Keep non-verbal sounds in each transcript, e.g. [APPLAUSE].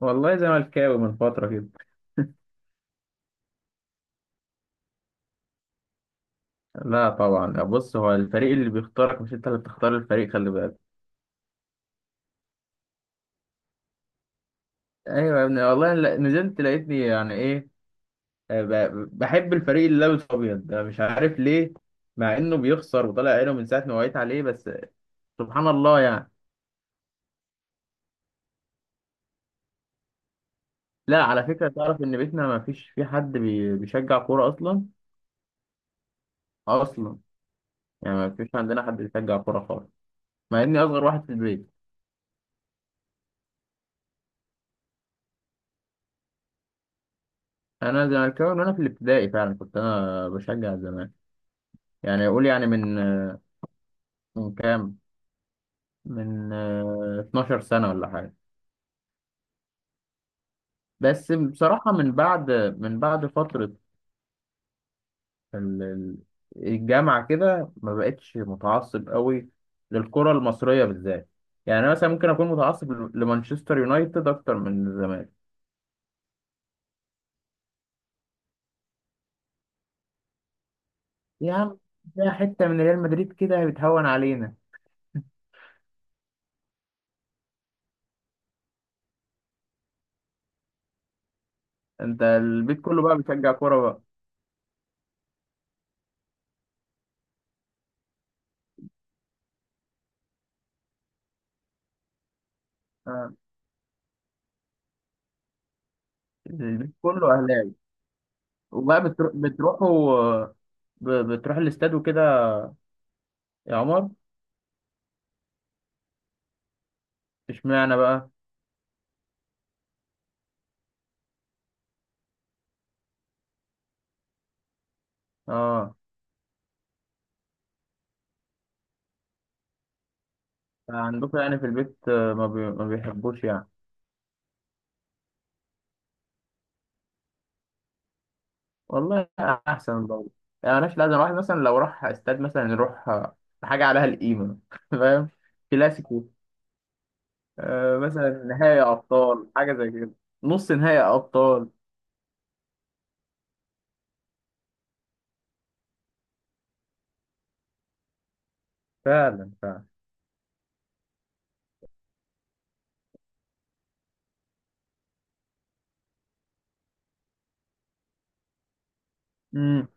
والله زملكاوي من فترة كده. لا طبعا، بص، هو الفريق اللي بيختارك مش انت اللي بتختار الفريق، خلي بالك. ايوه يا ابني والله، نزلت لقيتني يعني ايه. بحب الفريق اللي لابس ابيض ده، مش عارف ليه. مع انه بيخسر وطالع عينه من ساعة ما وعيت عليه بس. سبحان الله يعني. لا، على فكرة، تعرف ان بيتنا ما فيش في حد بيشجع كورة اصلا. اصلا. يعني ما فيش عندنا حد بيشجع كورة خالص، مع اني اصغر واحد في البيت. انا زملكاوي من وانا في الابتدائي، فعلا كنت انا بشجع زمان. يعني اقول يعني من كام، من 12 سنة ولا حاجة. بس بصراحة من بعد فترة ال- ال- الجامعة كده ما بقتش متعصب قوي للكرة المصرية بالذات. يعني أنا مثلا ممكن أكون متعصب لمانشستر يونايتد أكتر من الزمالك. يا عم، ده حتة من ريال مدريد كده بتهون علينا. أنت البيت كله بقى بيشجع كورة بقى؟ آه، البيت كله أهلاوي. وبقى بتروحوا، بتروح الاستاد وكده يا عمر؟ اشمعنى بقى؟ اه. عندكم يعني في البيت ما بيحبوش يعني. والله احسن برضه. يعني ملهاش لازمه، واحد مثلا لو راح استاد مثلا يروح حاجه عليها القيمه [LAUGHS] فاهم؟ كلاسيكو. آه، مثلا نهائي ابطال حاجه زي كده. نص نهائي ابطال. فعلا فعلا. امم.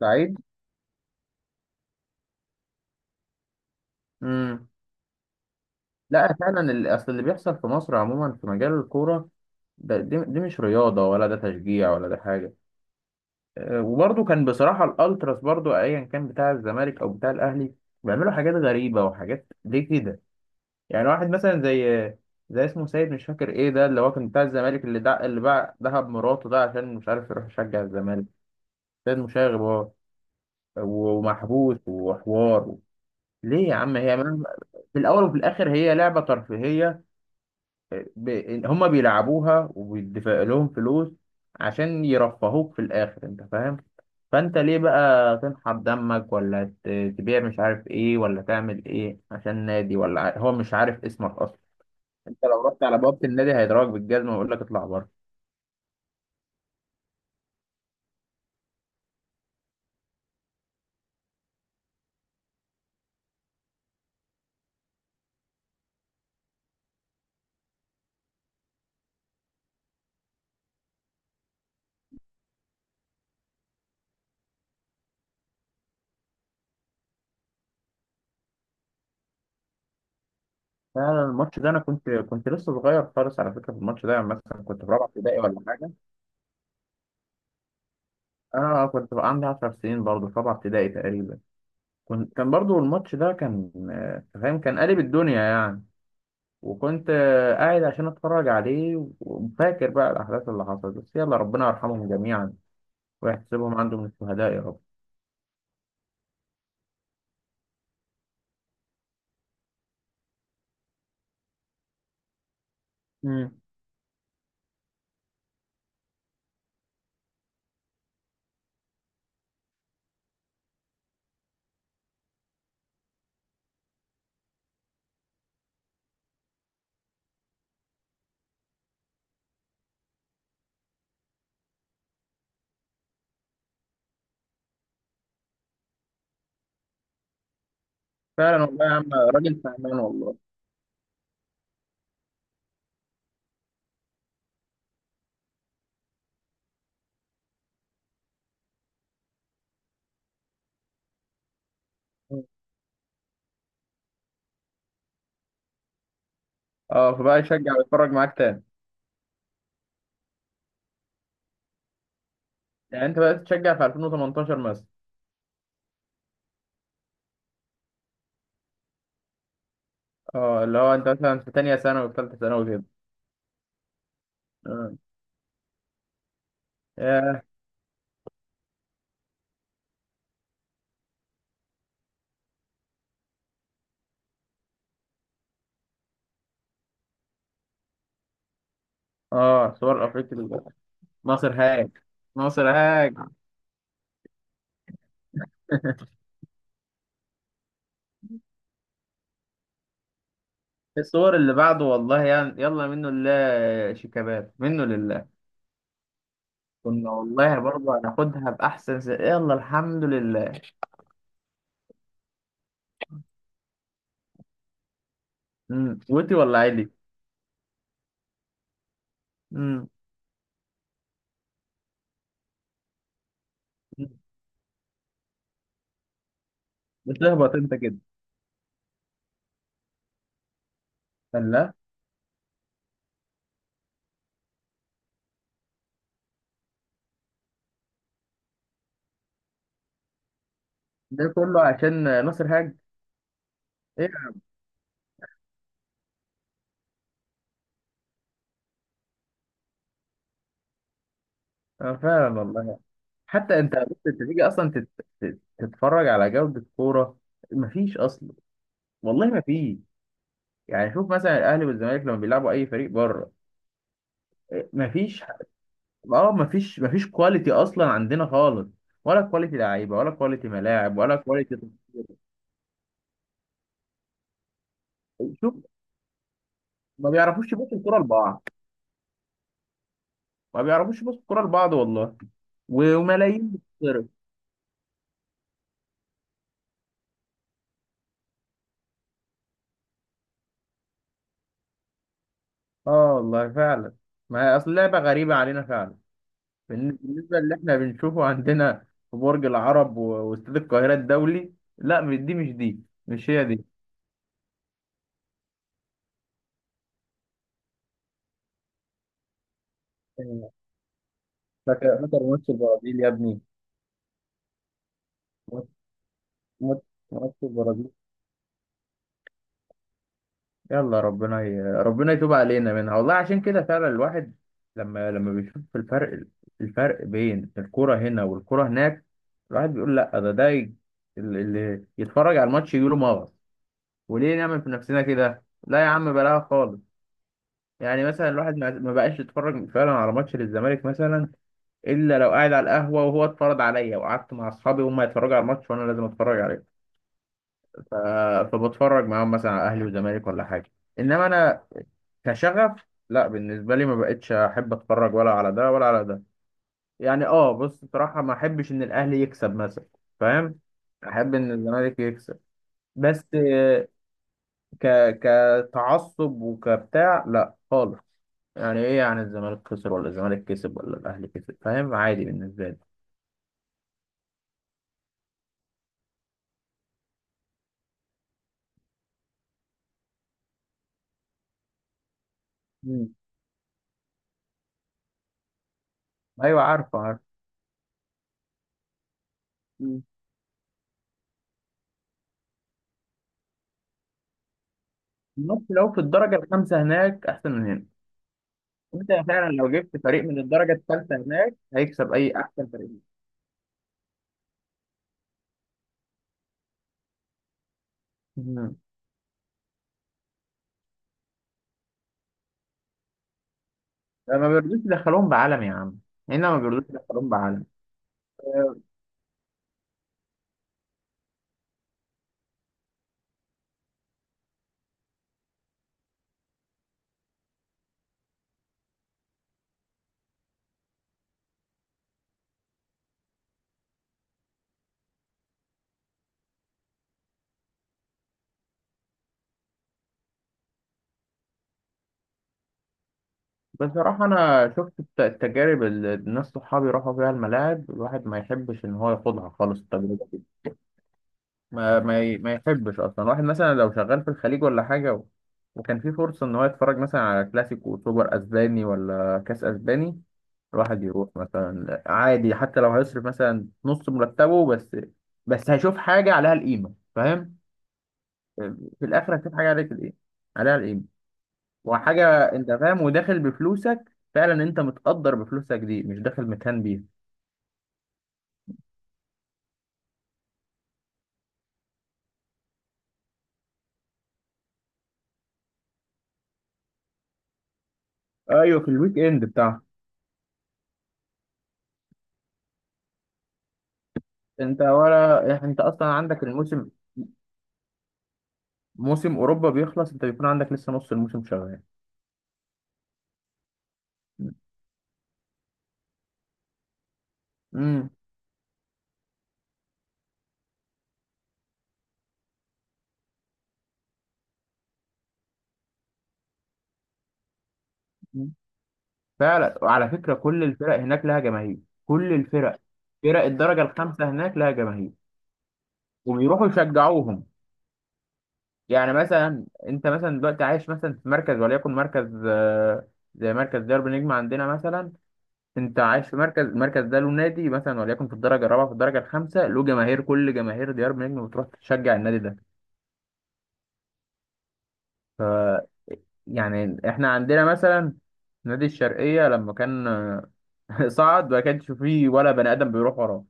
سعيد. امم. لا فعلا، اصل اللي بيحصل في مصر عموما في مجال الكوره ده، دي مش رياضه ولا ده تشجيع ولا ده حاجه. وبرضه كان بصراحة الالتراس، برضه ايا كان بتاع الزمالك او بتاع الاهلي، بيعملوا حاجات غريبة وحاجات ليه كده. يعني واحد مثلا زي اسمه سيد مش فاكر ايه ده، اللي هو كان بتاع الزمالك، اللي باع ذهب مراته ده عشان مش عارف يروح يشجع الزمالك. سيد مشاغب هو، ومحبوس وحوار. ليه يا عم؟ في الاول وفي الاخر هي لعبة ترفيهية. ب... هم بيلعبوها وبيدفع لهم فلوس عشان يرفهوك في الاخر، انت فاهم. فانت ليه بقى تنحر دمك ولا تبيع مش عارف ايه، ولا تعمل ايه عشان نادي، ولا هو مش عارف اسمك اصلا. انت لو رحت على بوابة النادي هيضربك بالجزمة ويقول لك اطلع بره. فعلا الماتش ده، انا كنت لسه صغير خالص على فكرة في الماتش ده، يعني مثلا كنت في رابعة ابتدائي ولا حاجة. انا كنت بقى عندي 10 سنين برضه في رابعة ابتدائي تقريبا. كنت، كان برضه الماتش ده كان فاهم كان قالب الدنيا يعني. وكنت قاعد عشان اتفرج عليه وفاكر بقى الاحداث اللي حصلت، بس يلا ربنا يرحمهم جميعا ويحسبهم عنده من الشهداء يا رب. امم. فعلا والله يا عم، راجل فهمان والله. مم. اه، فبقى يشجع ويتفرج معاك تاني؟ يعني انت بقى تشجع في 2018 مثلا؟ اه، اللي هو انت مثلا في تانية ثانوي وثالثة ثانوي كده. اه. ياه. اه صور افريقيا دي. ناصر هاج. ناصر هاج. الصور اللي بعده والله يعني، يلا منه لله، شيكابات منه لله. كنا والله برضه هناخدها بأحسن يلا الحمد لله. امم، وتي ولا عيلي؟ امم. بتهبط انت كده؟ لا، ده كله عشان ناصر هاج. ايه. آه، فعلا والله. حتى انت بص، انت تيجي اصلا تت... تت- تتفرج على جودة كورة، مفيش اصلا. والله مفيش. يعني شوف مثلا الاهلي والزمالك لما بيلعبوا اي فريق بره، إيه، مفيش. اه، مفيش كواليتي اصلا عندنا خالص، ولا كواليتي لعيبه ولا كواليتي ملاعب ولا كواليتي. شوف، ما بيعرفوش يبصوا الكوره لبعض. ما بيعرفوش يبصوا الكوره لبعض والله. وملايين بتتصرف. اه والله فعلا، ما هي اصل لعبه غريبه علينا فعلا. بالنسبه اللي احنا بنشوفه عندنا في برج العرب واستاد القاهره الدولي. لا، مش دي مش دي. مش هي دي. فاكر فاكر ماتش البرازيل يا ابني؟ ماتش ماتش ماتش البرازيل. يلا ربنا يتوب علينا منها والله، عشان كده فعلا الواحد لما بيشوف الفرق، الفرق بين الكرة هنا والكرة هناك، الواحد بيقول لا، اللي يتفرج على الماتش يجيله مغص، وليه نعمل في نفسنا كده؟ لا يا عم بلاها خالص. يعني مثلا الواحد ما بقاش يتفرج فعلا على ماتش للزمالك مثلا الا لو قاعد على القهوة وهو اتفرج عليا، وقعدت مع اصحابي وهم يتفرجوا على الماتش وانا لازم اتفرج عليه. ف... فبتفرج معاهم مثلا على اهلي وزمالك ولا حاجة، انما انا كشغف لا. بالنسبة لي ما بقتش احب اتفرج ولا على ده ولا على ده. يعني اه، بص بصراحة ما احبش ان الاهلي يكسب مثلا، فاهم. احب ان الزمالك يكسب، بس آه، ك كتعصب وكبتاع لا خالص. يعني ايه يعني الزمالك خسر ولا الزمالك كسب ولا الاهلي كسب؟ فاهم، عادي بالنسبة لي. مم. ايوه، عارفه عارفه. مم. الماتش لو في الدرجة الخامسة هناك احسن من هنا. انت فعلا لو جبت فريق من الدرجة الثالثة هناك هيكسب اي احسن فريق. مم. لا، ما بيرضوش يدخلوهم بعلم يا عم. هنا ما بيرضوش يدخلوهم بعلم. بصراحة أنا شفت التجارب اللي الناس صحابي راحوا فيها الملاعب، الواحد ما يحبش إن هو ياخدها خالص التجربة دي. ما يحبش أصلا، واحد مثلا لو شغال في الخليج ولا حاجة وكان في فرصة إن هو يتفرج مثلا على كلاسيكو وسوبر أسباني ولا كأس أسباني، الواحد يروح مثلا عادي حتى لو هيصرف مثلا نص مرتبه، بس بس هيشوف حاجة عليها القيمة فاهم. في الآخر هيشوف حاجة عليك الإيه، عليها القيمة. وحاجة انت فاهم وداخل بفلوسك، فعلا انت متقدر بفلوسك دي، مش داخل متهان بيها. ايوه في الويك اند بتاعها. انت ولا يعني، انت اصلا عندك الموسم، موسم اوروبا بيخلص انت بيكون عندك لسه نص الموسم شغال. امم. فعلا، وعلى فكرة كل الفرق هناك لها جماهير. كل الفرق، فرق الدرجة الخامسة هناك لها جماهير وبيروحوا يشجعوهم. يعني مثلا انت مثلا دلوقتي عايش مثلا في مركز، وليكن مركز زي مركز ديربي نجم عندنا مثلا. انت عايش في مركز، المركز ده له نادي مثلا وليكن في الدرجه الرابعه في الدرجه الخامسه، له جماهير، كل جماهير ديار بنجم بتروح تشجع النادي ده. ف يعني احنا عندنا مثلا نادي الشرقيه لما كان [LAUGHS] صعد ما كانش فيه ولا بني ادم بيروح وراه.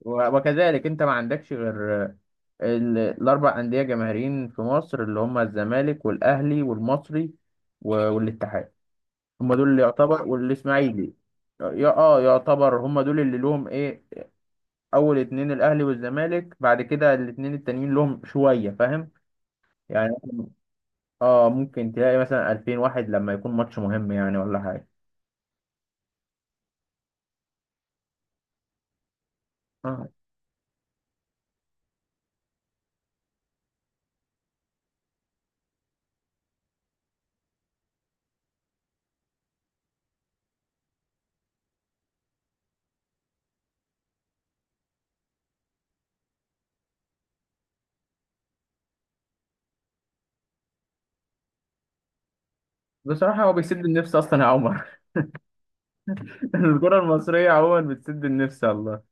وكذلك انت ما عندكش غير الاربع انديه جماهيريين في مصر اللي هم الزمالك والاهلي والمصري والاتحاد. هم دول اللي يعتبر والاسماعيلي، يا اه يعتبر هم دول اللي لهم ايه. اول اتنين الاهلي والزمالك، بعد كده الاتنين التانيين لهم شويه فاهم. يعني مثلاً- اه ممكن تلاقي مثلا 2000 واحد لما يكون ماتش مهم يعني ولا حاجه. آه. بصراحه هو بيسد النفس اصلا يا عمر. [LAUGHS] الكره المصريه عموما بتسد النفس والله.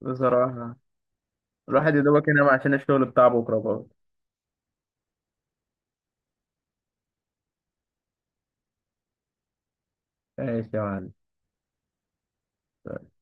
بصراحه الواحد يدوبك هنا عشان الشغل بتاع بكره برضه. ماشي يا معلم.